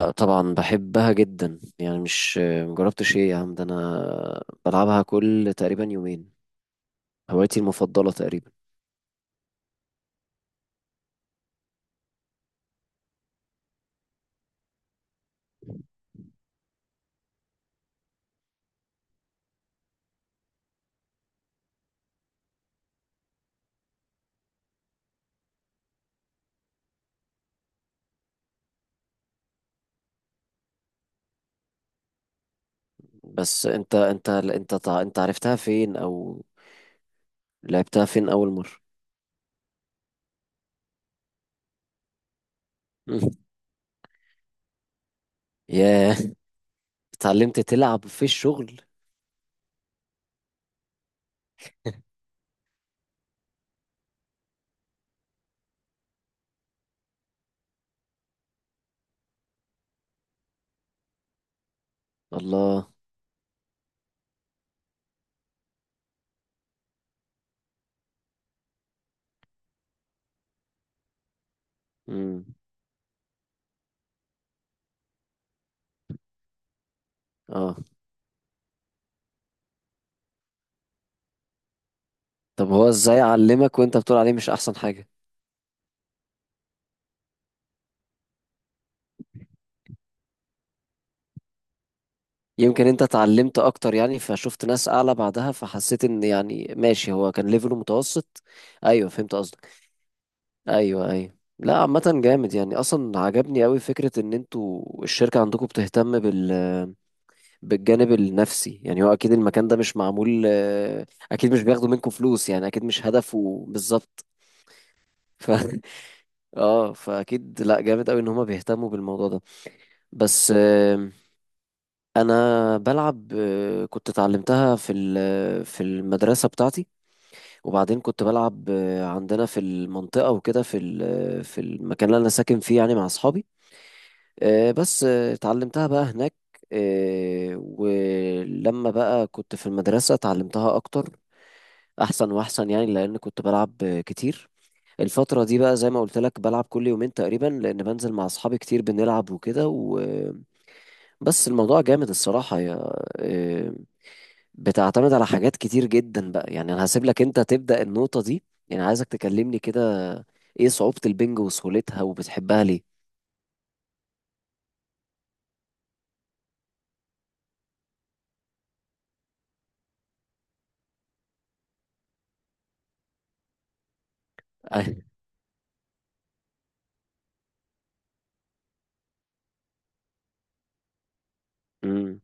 لا، طبعا بحبها جدا يعني مش مجربتش؟ ايه يا عم، ده انا بلعبها كل تقريبا يومين، هوايتي المفضلة تقريبا. بس انت انت عرفتها فين، او لعبتها فين اول مرة؟ مم. ياه، اتعلمت تلعب في الشغل؟ الله. مم. اه، طب هو ازاي علمك وانت بتقول عليه مش احسن حاجة؟ يمكن انت اتعلمت اكتر يعني، فشفت ناس اعلى بعدها، فحسيت ان يعني ماشي، هو كان ليفله متوسط. ايوه فهمت قصدك. ايوه ايوه، لا عامة جامد يعني، اصلا عجبني قوي فكرة ان انتوا الشركة عندكم بتهتم بالجانب النفسي، يعني هو اكيد المكان ده مش معمول، اكيد مش بياخدوا منكم فلوس يعني، اكيد مش هدفه بالظبط. ف اه، فاكيد لا، جامد قوي ان هما بيهتموا بالموضوع ده. بس، انا بلعب، كنت اتعلمتها في في المدرسة بتاعتي، وبعدين كنت بلعب عندنا في المنطقة وكده، في في المكان اللي انا ساكن فيه يعني، مع اصحابي. بس، اتعلمتها بقى هناك. ولما بقى كنت في المدرسة اتعلمتها أكتر، أحسن وأحسن يعني، لأن كنت بلعب كتير. الفترة دي بقى زي ما قلت لك بلعب كل يومين تقريبا، لأن بنزل مع أصحابي كتير بنلعب وكده بس الموضوع جامد الصراحة، يا آه، بتعتمد على حاجات كتير جدا بقى، يعني أنا هسيب لك أنت تبدأ النقطة دي يعني، عايزك تكلمني كده، إيه صعوبة البنج وسهولتها وبتحبها ليه؟ أيوة.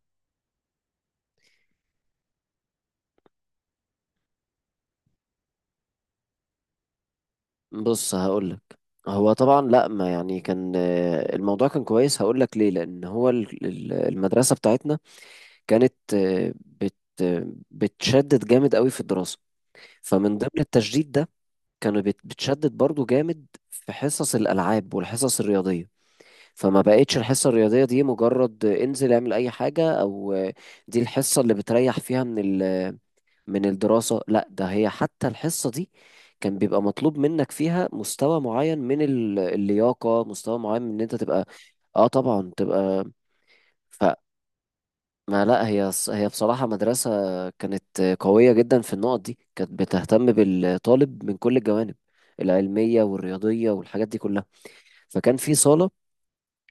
بص هقولك، هو طبعا لا ما يعني كان، الموضوع كان كويس. هقولك ليه، لأن هو المدرسة بتاعتنا كانت، آه، بت آه، بتشدد جامد قوي في الدراسة. فمن ضمن التشديد ده، كانوا بتشدد برضو جامد في حصص الألعاب والحصص الرياضية. فما بقتش الحصة الرياضية دي مجرد انزل اعمل أي حاجة، أو دي الحصة اللي بتريح فيها من من الدراسة، لا ده هي حتى الحصة دي كان بيبقى مطلوب منك فيها مستوى معين من اللياقة، مستوى معين من ان انت تبقى، اه طبعا تبقى. فما لا هي هي بصراحة مدرسة كانت قوية جدا في النقط دي، كانت بتهتم بالطالب من كل الجوانب، العلمية والرياضية والحاجات دي كلها. فكان في صالة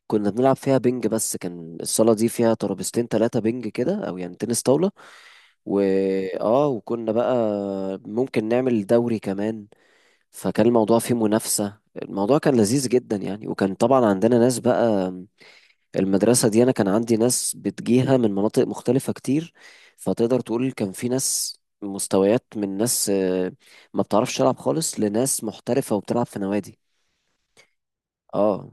كنا بنلعب فيها بينج، بس كان الصالة دي فيها ترابيزتين تلاتة بينج كده، أو يعني تنس طاولة. وآه، وكنا بقى ممكن نعمل دوري كمان، فكان الموضوع فيه منافسة، الموضوع كان لذيذ جدا يعني، وكان طبعا عندنا ناس بقى. المدرسة دي أنا كان عندي ناس بتجيها من مناطق مختلفة كتير، فتقدر تقول كان في ناس مستويات، من ناس ما بتعرفش تلعب خالص، لناس محترفة وبتلعب في نوادي. اه،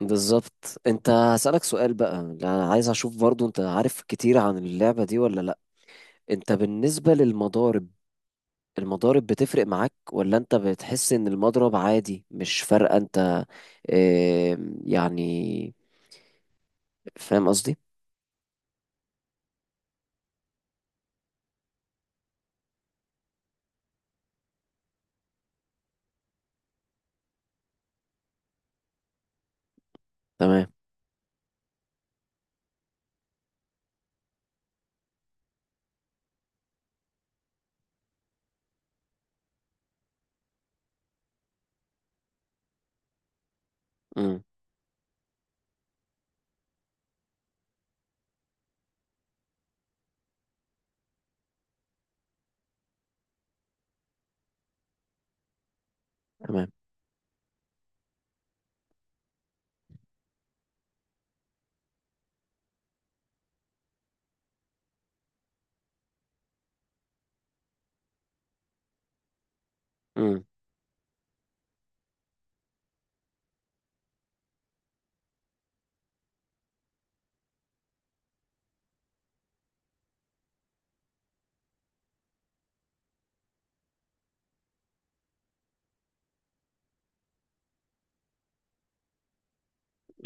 بالظبط. انت هسألك سؤال بقى، انا عايز اشوف برضو انت عارف كتير عن اللعبة دي ولا لا. انت بالنسبة للمضارب، المضارب بتفرق معاك، ولا انت بتحس ان المضرب عادي مش فارقة؟ انت اه يعني، فاهم قصدي؟ تمام. امم. تمام. امم،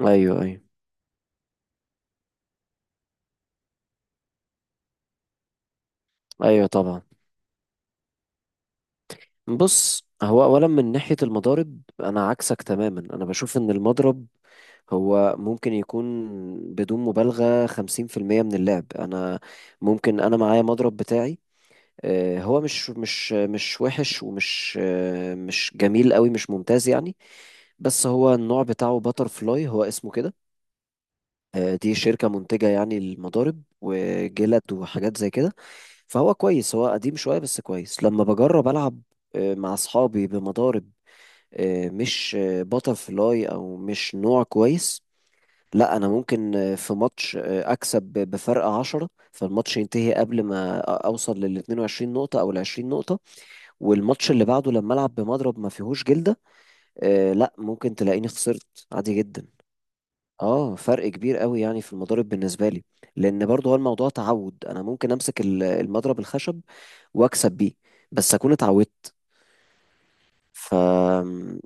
ايوه ايوه ايوه، طبعا. بص، هو اولا من ناحية المضارب انا عكسك تماما. انا بشوف ان المضرب هو ممكن يكون، بدون مبالغة، 50% من اللعب. أنا ممكن، أنا معايا مضرب بتاعي، هو مش مش وحش، ومش مش جميل قوي، مش ممتاز يعني. بس هو النوع بتاعه باتر فلاي، هو اسمه كده. دي شركة منتجة يعني المضارب وجلد وحاجات زي كده. فهو كويس، هو قديم شوية بس كويس. لما بجرب ألعب مع أصحابي بمضارب مش باتر فلاي أو مش نوع كويس، لا أنا ممكن في ماتش أكسب بفرق 10، فالماتش ينتهي قبل ما أوصل لل 22 نقطة أو ال 20 نقطة. والماتش اللي بعده لما العب بمضرب ما فيهوش جلده، آه لا ممكن تلاقيني خسرت عادي جدا. اه فرق كبير قوي يعني في المضارب بالنسبه لي، لان برضه هو الموضوع تعود. انا ممكن امسك المضرب الخشب واكسب بيه، بس اكون اتعودت. ف...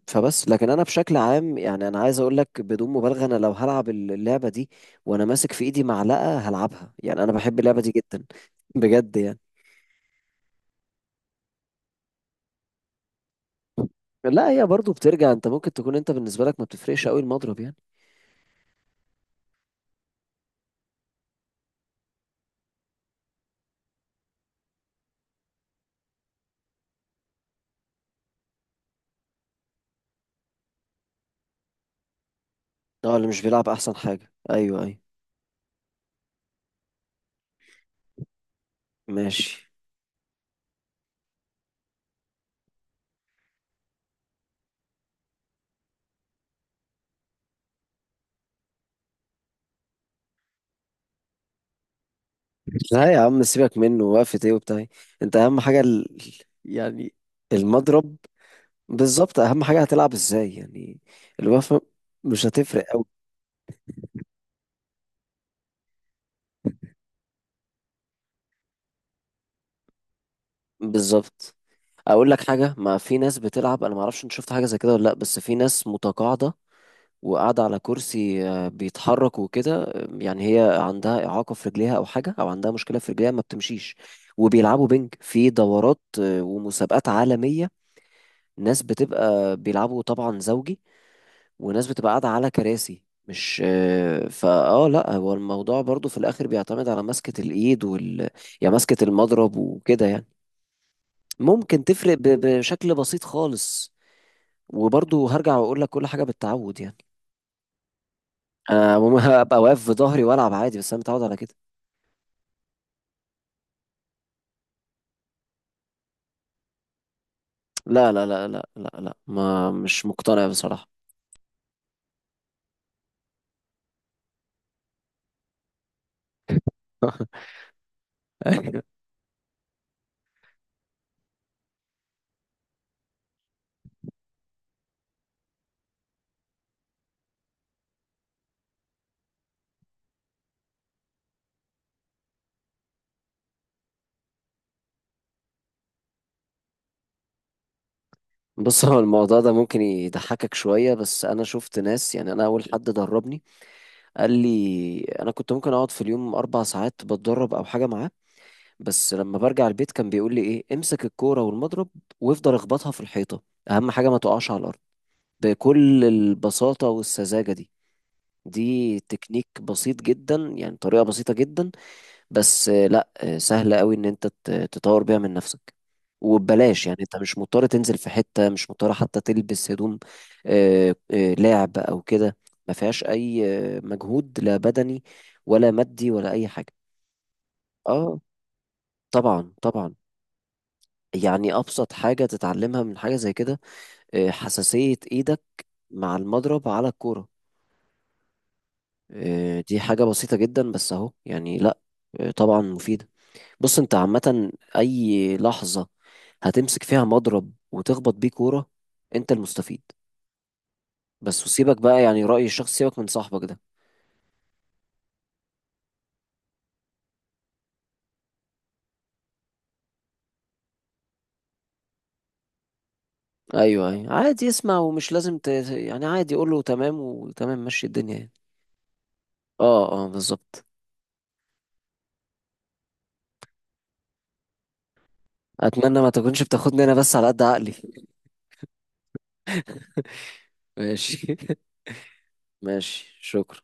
فبس، لكن انا بشكل عام يعني، انا عايز اقول لك بدون مبالغه، انا لو هلعب اللعبه دي وانا ماسك في ايدي معلقه هلعبها، يعني انا بحب اللعبه دي جدا. بجد يعني. لا هي برضه بترجع، انت ممكن تكون انت بالنسبه لك ما بتفرقش قوي المضرب يعني. اه اللي مش بيلعب احسن حاجة، ايوه ايوه. ماشي. لا يا عم، سيبك منه، وقفة ايه وبتاع إيه؟ انت اهم حاجة يعني المضرب. بالظبط، اهم حاجة هتلعب ازاي يعني، الوقفة مش هتفرق قوي. بالظبط. اقول لك حاجة، ما في ناس بتلعب، انا ما اعرفش انت شفت حاجة زي كده ولا لا، بس في ناس متقاعدة وقاعدة على كرسي بيتحرك وكده، يعني هي عندها إعاقة في رجليها أو حاجة، أو عندها مشكلة في رجليها ما بتمشيش، وبيلعبوا بينج في دورات ومسابقات عالمية. ناس بتبقى بيلعبوا طبعا زوجي، وناس بتبقى قاعدة على كراسي، مش آه، فاه لا هو الموضوع برضو في الاخر بيعتمد على مسكة الايد يعني مسكة المضرب وكده يعني. ممكن تفرق بشكل بسيط خالص، وبرضو هرجع واقول لك كل حاجة بالتعود يعني. هبقى واقف في ظهري والعب عادي، بس انا متعود على كده. لا لا لا لا لا لا، ما مش مقتنع بصراحة. بص، هو الموضوع ده ممكن يضحكك شوية، بس أنا شفت ناس يعني. أنا أول حد دربني قال لي، انا كنت ممكن اقعد في اليوم 4 ساعات بتدرب او حاجه معاه، بس لما برجع البيت كان بيقول لي، ايه امسك الكوره والمضرب وافضل اخبطها في الحيطه، اهم حاجه ما تقعش على الارض. بكل البساطه والسذاجه دي، دي تكنيك بسيط جدا يعني، طريقه بسيطه جدا. بس لا، سهل قوي ان انت تطور بيها من نفسك وببلاش يعني، انت مش مضطر تنزل في حتة، مش مضطر حتى تلبس هدوم لاعب او كده. ما فيهاش اي مجهود، لا بدني ولا مادي ولا اي حاجة. اه طبعا طبعا، يعني ابسط حاجة تتعلمها من حاجة زي كده، حساسية ايدك مع المضرب على الكورة. دي حاجة بسيطة جدا، بس اهو يعني، لا طبعا مفيدة. بص، انت عامة اي لحظة هتمسك فيها مضرب وتخبط بيه كورة، انت المستفيد. بس، وسيبك بقى يعني رأي الشخص، سيبك من صاحبك ده. ايوه ايوه، عادي اسمع ومش لازم يعني عادي قول له تمام، وتمام مشي الدنيا يعني. اه اه بالظبط. اتمنى ما تكونش بتاخدني انا بس على قد عقلي. ماشي. ماشي. شكرا.